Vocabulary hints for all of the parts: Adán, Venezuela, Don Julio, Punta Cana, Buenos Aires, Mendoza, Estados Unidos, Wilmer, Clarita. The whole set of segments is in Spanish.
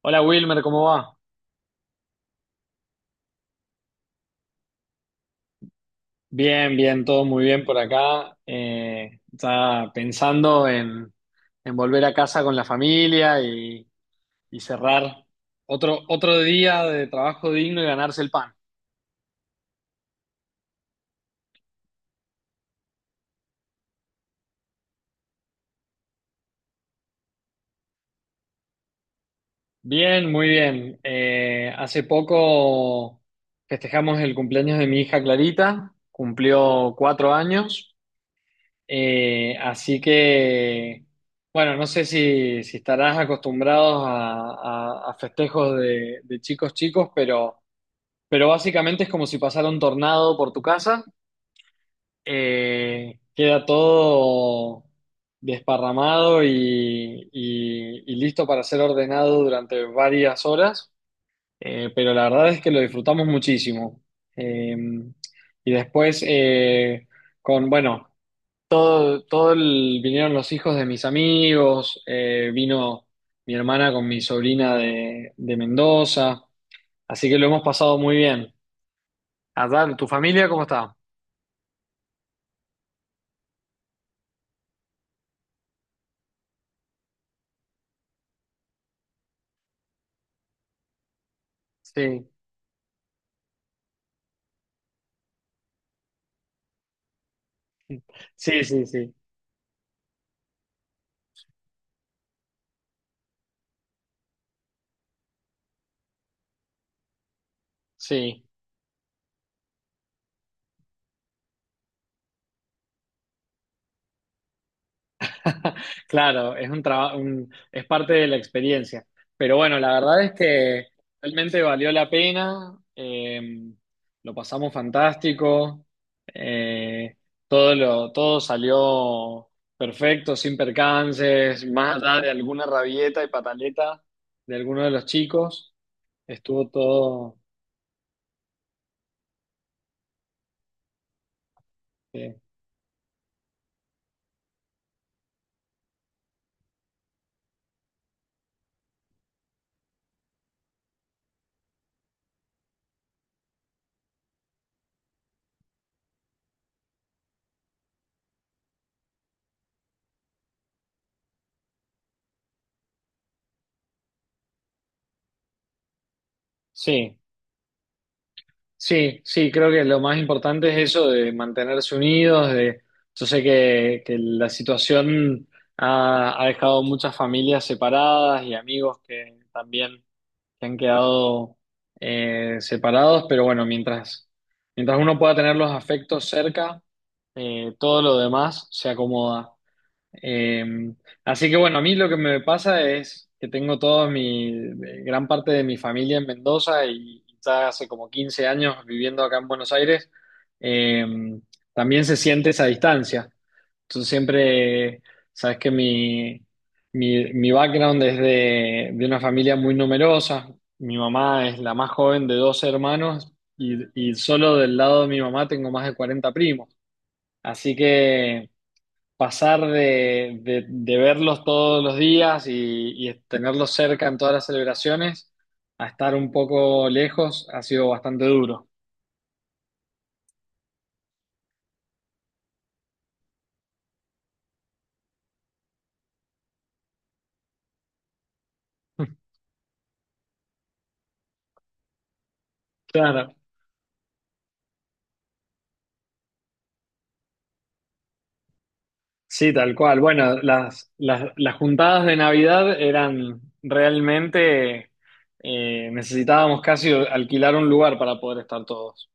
Hola Wilmer, ¿cómo va? Bien, bien, todo muy bien por acá. Ya pensando en, volver a casa con la familia y cerrar otro día de trabajo digno y ganarse el pan. Bien, muy bien. Hace poco festejamos el cumpleaños de mi hija Clarita, cumplió 4 años. Así que, bueno, no sé si estarás acostumbrados a, a festejos de chicos chicos, pero básicamente es como si pasara un tornado por tu casa. Queda todo desparramado y listo para ser ordenado durante varias horas. Pero la verdad es que lo disfrutamos muchísimo. Eh, y después, con, bueno. Vinieron los hijos de mis amigos, vino mi hermana con mi sobrina de Mendoza, así que lo hemos pasado muy bien. Adán, ¿tu familia cómo está? Sí, sí, sí, sí, sí. Claro, es un trabajo, es parte de la experiencia. Pero bueno, la verdad es que realmente valió la pena, lo pasamos fantástico. eh, Todo salió perfecto, sin percances, más allá de alguna rabieta y pataleta de alguno de los chicos. Estuvo todo, eh, sí. Sí, sí, creo que lo más importante es eso de mantenerse unidos. De Yo sé que la situación ha dejado muchas familias separadas y amigos que también que han quedado separados, pero bueno, mientras uno pueda tener los afectos cerca. Todo lo demás se acomoda. Eh, Así que bueno, a mí lo que me pasa es que tengo gran parte de mi familia en Mendoza y ya hace como 15 años viviendo acá en Buenos Aires. eh, También se siente esa distancia. Entonces siempre, sabes que mi background es de una familia muy numerosa. Mi mamá es la más joven de dos hermanos y, y solo del lado de mi mamá tengo más de 40 primos. Así que pasar de verlos todos los días y tenerlos cerca en todas las celebraciones a estar un poco lejos ha sido bastante duro. Claro, sí, tal cual. Bueno, las juntadas de Navidad eran realmente. Necesitábamos casi alquilar un lugar para poder estar todos.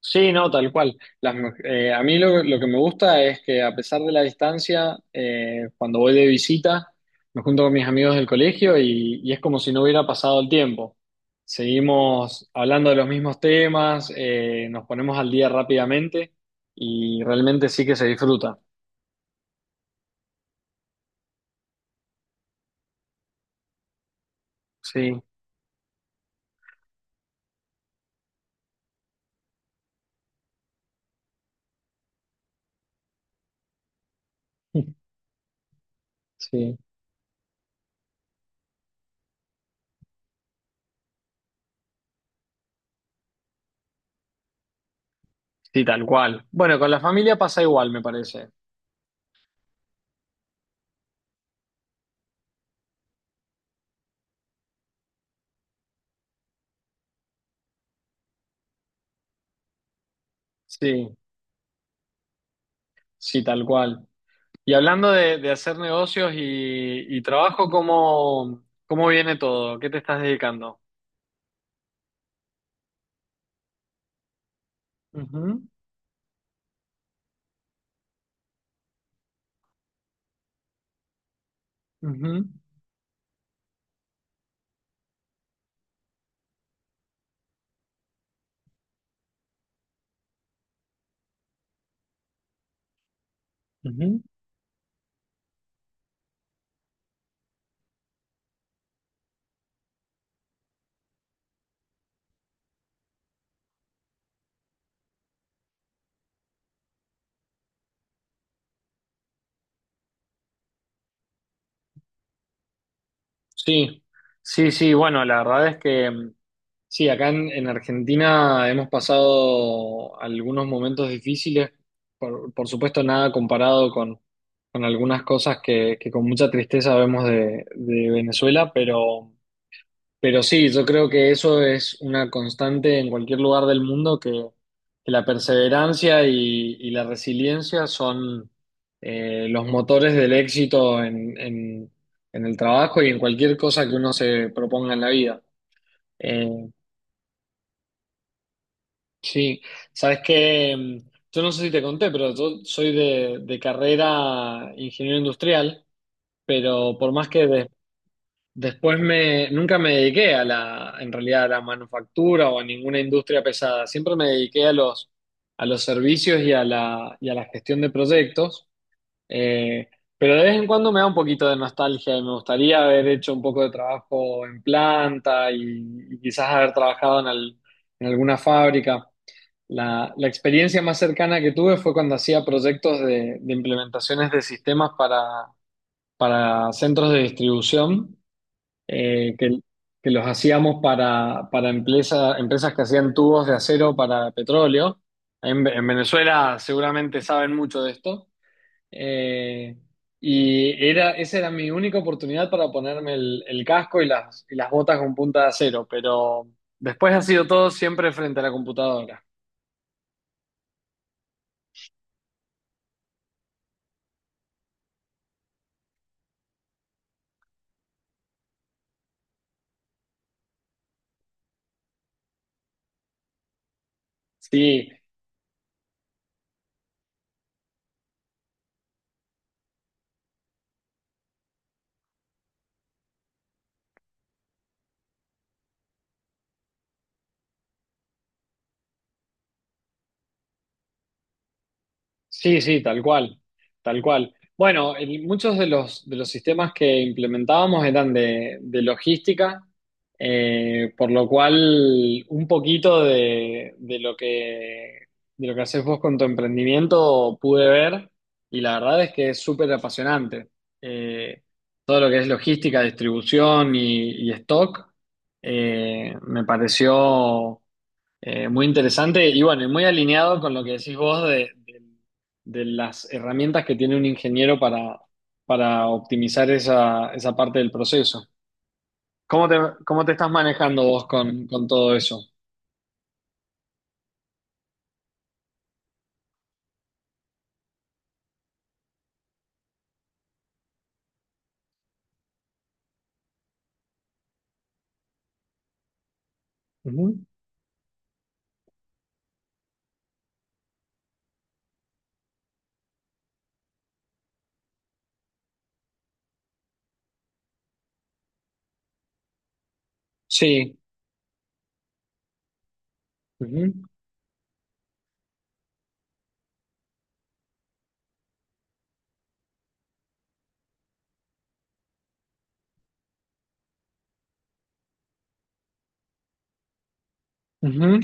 Sí, no, tal cual. A mí lo que me gusta es que a pesar de la distancia, cuando voy de visita, me junto con mis amigos del colegio y es como si no hubiera pasado el tiempo. Seguimos hablando de los mismos temas, nos ponemos al día rápidamente y realmente sí que se disfruta. Sí, sí, sí, tal cual. Bueno, con la familia pasa igual, me parece. Sí, sí, tal cual. Y hablando de hacer negocios y trabajo, cómo viene todo? ¿Qué te estás dedicando? Ujú, ujú, ujú. Sí, sí, sí, bueno, la verdad es que sí, acá en Argentina hemos pasado algunos momentos difíciles, por supuesto nada comparado con algunas cosas que con mucha tristeza vemos de Venezuela, pero… Pero sí, yo creo que eso es una constante en cualquier lugar del mundo, que la perseverancia y la resiliencia son los motores del éxito en el trabajo y en cualquier cosa que uno se proponga en la vida. Eh, sí, sabes que yo no sé si te conté, pero yo soy de carrera ingeniero industrial, pero por más que des- Después nunca me dediqué a en realidad a la manufactura o a ninguna industria pesada. Siempre me dediqué a los servicios y y a la gestión de proyectos. Eh, pero de vez en cuando me da un poquito de nostalgia y me gustaría haber hecho un poco de trabajo en planta y quizás haber trabajado en alguna fábrica. La experiencia más cercana que tuve fue cuando hacía proyectos de implementaciones de sistemas para centros de distribución. eh, que, que los hacíamos para empresas que hacían tubos de acero para petróleo. En Venezuela seguramente saben mucho de esto. Eh, Esa era mi única oportunidad para ponerme el casco y las botas con punta de acero, pero después ha sido todo siempre frente a la computadora. Sí, sí, sí, tal cual, tal cual. Bueno, muchos de de los sistemas que implementábamos eran de logística, por lo cual un poquito de lo que haces vos con tu emprendimiento pude ver y la verdad es que es súper apasionante. Eh, Todo lo que es logística, distribución y stock me pareció muy interesante y bueno, y muy alineado con lo que decís vos de las herramientas que tiene un ingeniero para optimizar esa parte del proceso. ¿Cómo te, Cómo te estás manejando vos con todo eso? Ujú. Sí. Ujú. Ujú.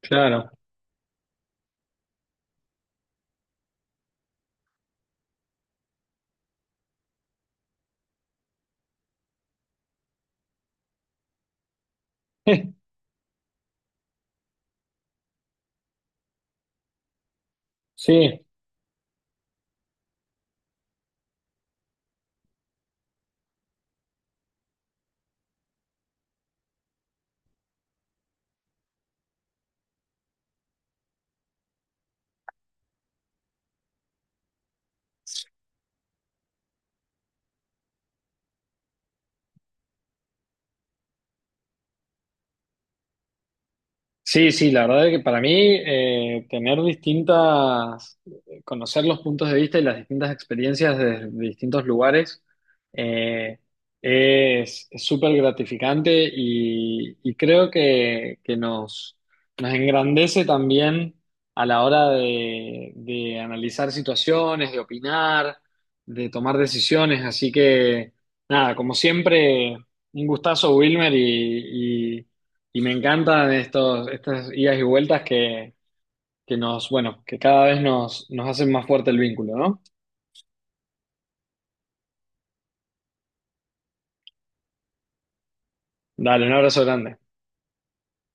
Claro. Sí. Sí, sí, la verdad es que para mí conocer los puntos de vista y las distintas experiencias de distintos lugares eh, es súper gratificante y creo que nos engrandece también a la hora de analizar situaciones, de opinar, de tomar decisiones. Así que, nada, como siempre, un gustazo, Wilmer, y me encantan estas idas y vueltas que bueno, que cada vez nos hacen más fuerte el vínculo, ¿no? Dale, un abrazo grande.